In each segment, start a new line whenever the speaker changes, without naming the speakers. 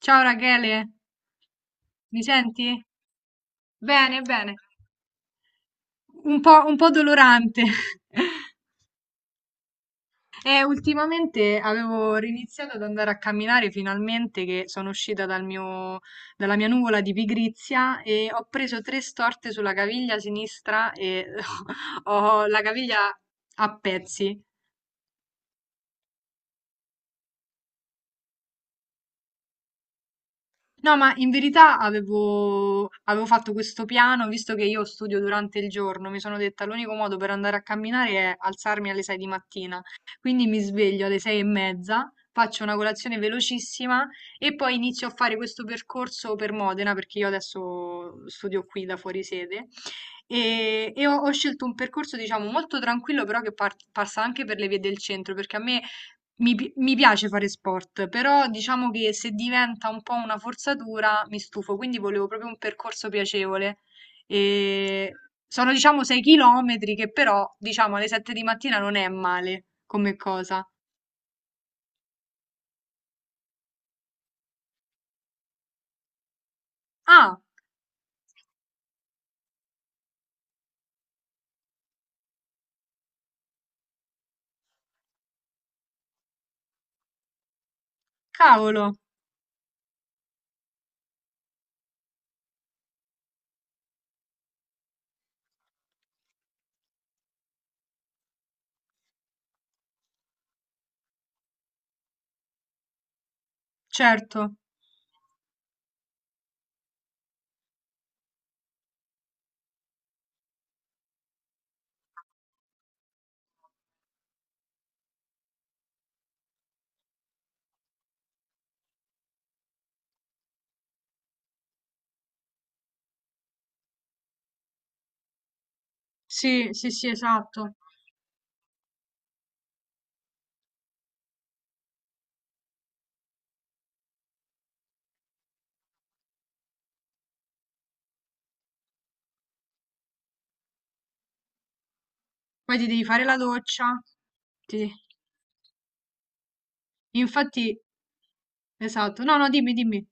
Ciao Rachele, mi senti? Bene, bene. Un po' dolorante. E ultimamente avevo riniziato ad andare a camminare finalmente che sono uscita dal dalla mia nuvola di pigrizia e ho preso tre storte sulla caviglia sinistra e ho la caviglia a pezzi. No, ma in verità avevo fatto questo piano, visto che io studio durante il giorno, mi sono detta l'unico modo per andare a camminare è alzarmi alle 6 di mattina. Quindi mi sveglio alle 6 e mezza, faccio una colazione velocissima e poi inizio a fare questo percorso per Modena, perché io adesso studio qui da fuori sede. Ho scelto un percorso, diciamo, molto tranquillo, però che passa anche per le vie del centro, perché a me mi piace fare sport, però diciamo che se diventa un po' una forzatura mi stufo, quindi volevo proprio un percorso piacevole. E sono diciamo 6 chilometri che però diciamo alle 7 di mattina non è male come cosa. Ah, cavolo, certo. Sì, sì, sì, esatto. Poi ti devi fare la doccia. Ti- Infatti, esatto. No, no, dimmi, dimmi.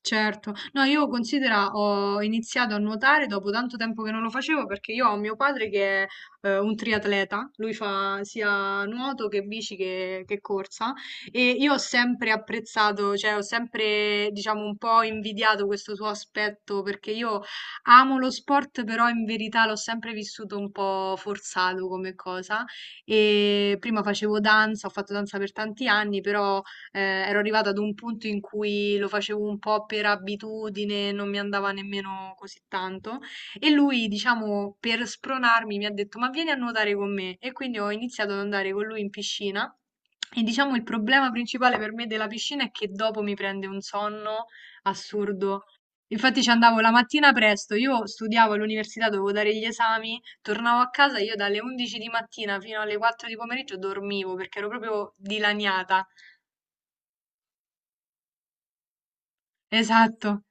Certo, no io considera ho iniziato a nuotare dopo tanto tempo che non lo facevo perché io ho mio padre che è un triatleta, lui fa sia nuoto che bici che corsa e io ho sempre apprezzato, cioè ho sempre diciamo un po' invidiato questo suo aspetto perché io amo lo sport però in verità l'ho sempre vissuto un po' forzato come cosa e prima facevo danza, ho fatto danza per tanti anni però eh, ero arrivata ad un punto in cui lo facevo un po' per abitudine, non mi andava nemmeno così tanto. E lui, diciamo, per spronarmi, mi ha detto: Ma vieni a nuotare con me. E quindi ho iniziato ad andare con lui in piscina. E diciamo il problema principale per me della piscina è che dopo mi prende un sonno assurdo. Infatti ci andavo la mattina presto, io studiavo all'università, dovevo dare gli esami, tornavo a casa, io dalle 11 di mattina fino alle 4 di pomeriggio dormivo perché ero proprio dilaniata. Esatto.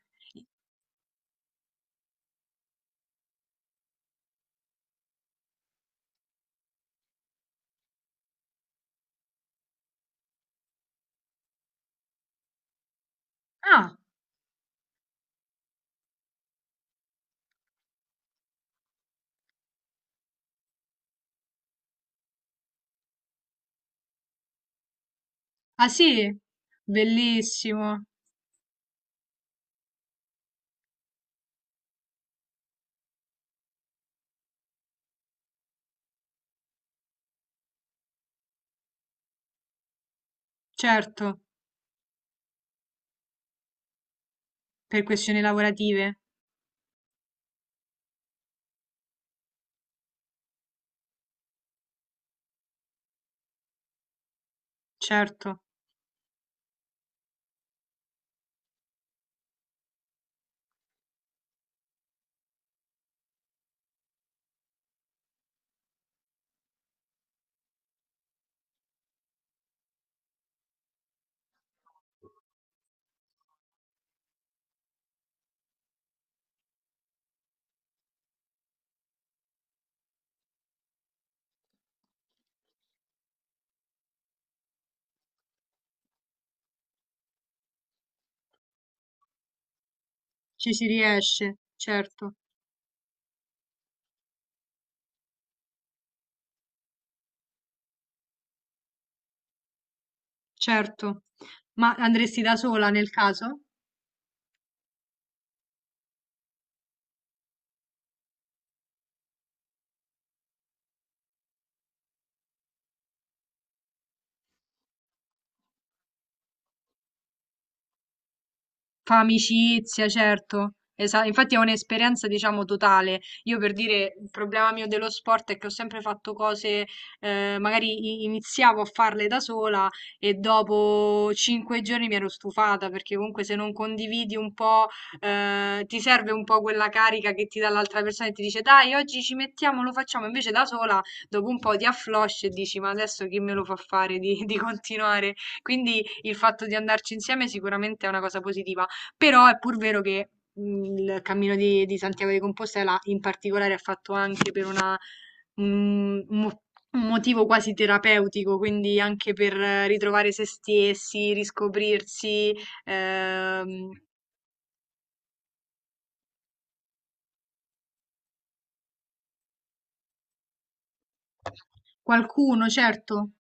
Ah, ah sì? Bellissimo. Certo, per questioni lavorative, certo. Ci si riesce, certo, certo. Ma andresti da sola nel caso? Fa amicizia, certo. Infatti è un'esperienza, diciamo, totale. Io per dire, il problema mio dello sport è che ho sempre fatto cose, magari iniziavo a farle da sola e dopo 5 giorni mi ero stufata, perché comunque se non condividi un po', ti serve un po' quella carica che ti dà l'altra persona e ti dice, dai, oggi ci mettiamo, lo facciamo. Invece da sola, dopo un po' ti afflosci e dici, ma adesso chi me lo fa fare di di continuare? Quindi il fatto di andarci insieme sicuramente è una cosa positiva. Però è pur vero che il Cammino di Santiago di Compostela in particolare è fatto anche per un, un mo- un motivo quasi terapeutico, quindi anche per ritrovare se stessi, riscoprirsi, ehm, qualcuno, certo,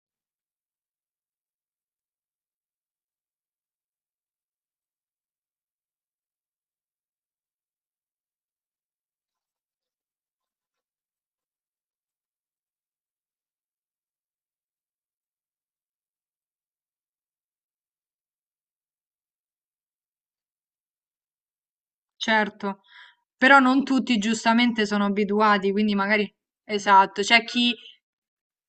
certo. Però non tutti giustamente sono abituati, quindi magari... Esatto, c'è chi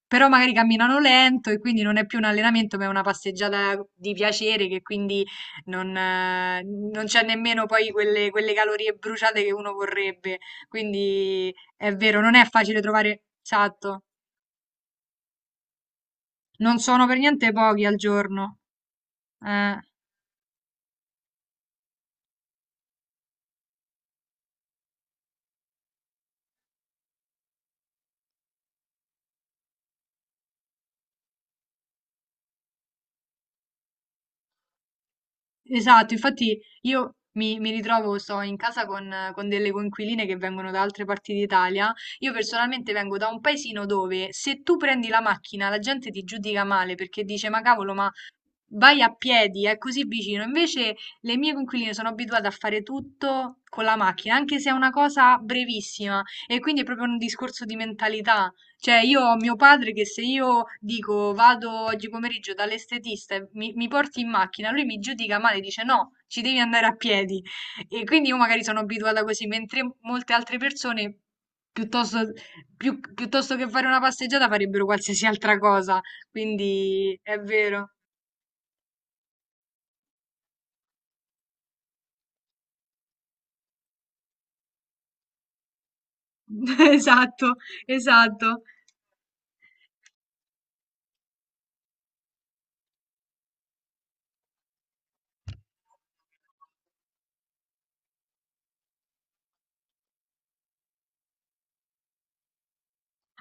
però magari camminano lento e quindi non è più un allenamento, ma è una passeggiata di piacere che quindi non, non c'è nemmeno poi quelle calorie bruciate che uno vorrebbe. Quindi è vero, non è facile trovare, esatto, non sono per niente pochi al giorno. Eh. Esatto, infatti io mi ritrovo, sto in casa con delle coinquiline che vengono da altre parti d'Italia. Io personalmente vengo da un paesino dove se tu prendi la macchina la gente ti giudica male perché dice ma cavolo, ma vai a piedi, è così vicino. Invece le mie coinquiline sono abituate a fare tutto con la macchina, anche se è una cosa brevissima. E quindi è proprio un discorso di mentalità. Cioè, io ho mio padre che se io dico vado oggi pomeriggio dall'estetista e mi porti in macchina, lui mi giudica male, dice no, ci devi andare a piedi. E quindi io magari sono abituata così, mentre molte altre persone, piuttosto, piuttosto che fare una passeggiata, farebbero qualsiasi altra cosa. Quindi è vero. Esatto, esatto.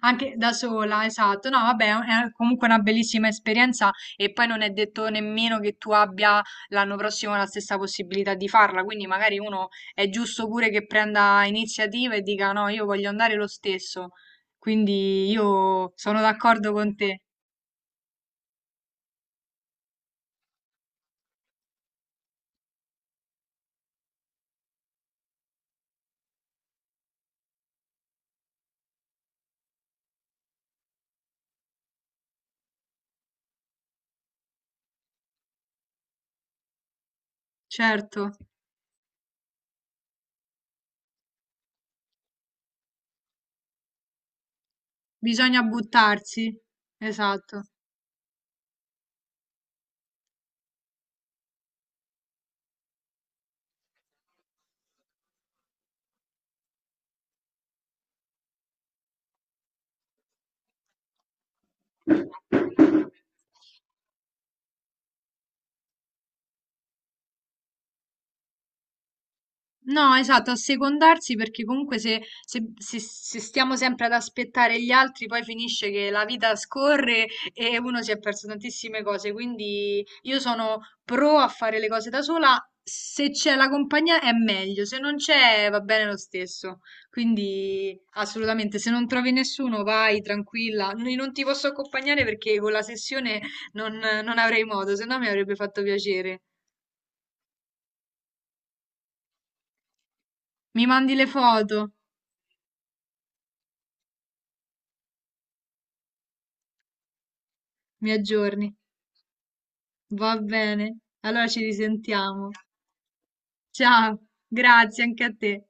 Anche da sola, esatto. No, vabbè, è comunque una bellissima esperienza e poi non è detto nemmeno che tu abbia l'anno prossimo la stessa possibilità di farla, quindi magari uno è giusto pure che prenda iniziativa e dica no, io voglio andare lo stesso. Quindi io sono d'accordo con te. Certo, bisogna buttarsi. Esatto. No, esatto, assecondarsi perché comunque se stiamo sempre ad aspettare gli altri, poi finisce che la vita scorre e uno si è perso tantissime cose. Quindi io sono pro a fare le cose da sola. Se c'è la compagnia è meglio, se non c'è va bene lo stesso. Quindi assolutamente, se non trovi nessuno vai tranquilla. Non ti posso accompagnare perché con la sessione non avrei modo, se no mi avrebbe fatto piacere. Mi mandi le foto, mi aggiorni. Va bene, allora ci risentiamo. Ciao, grazie anche a te.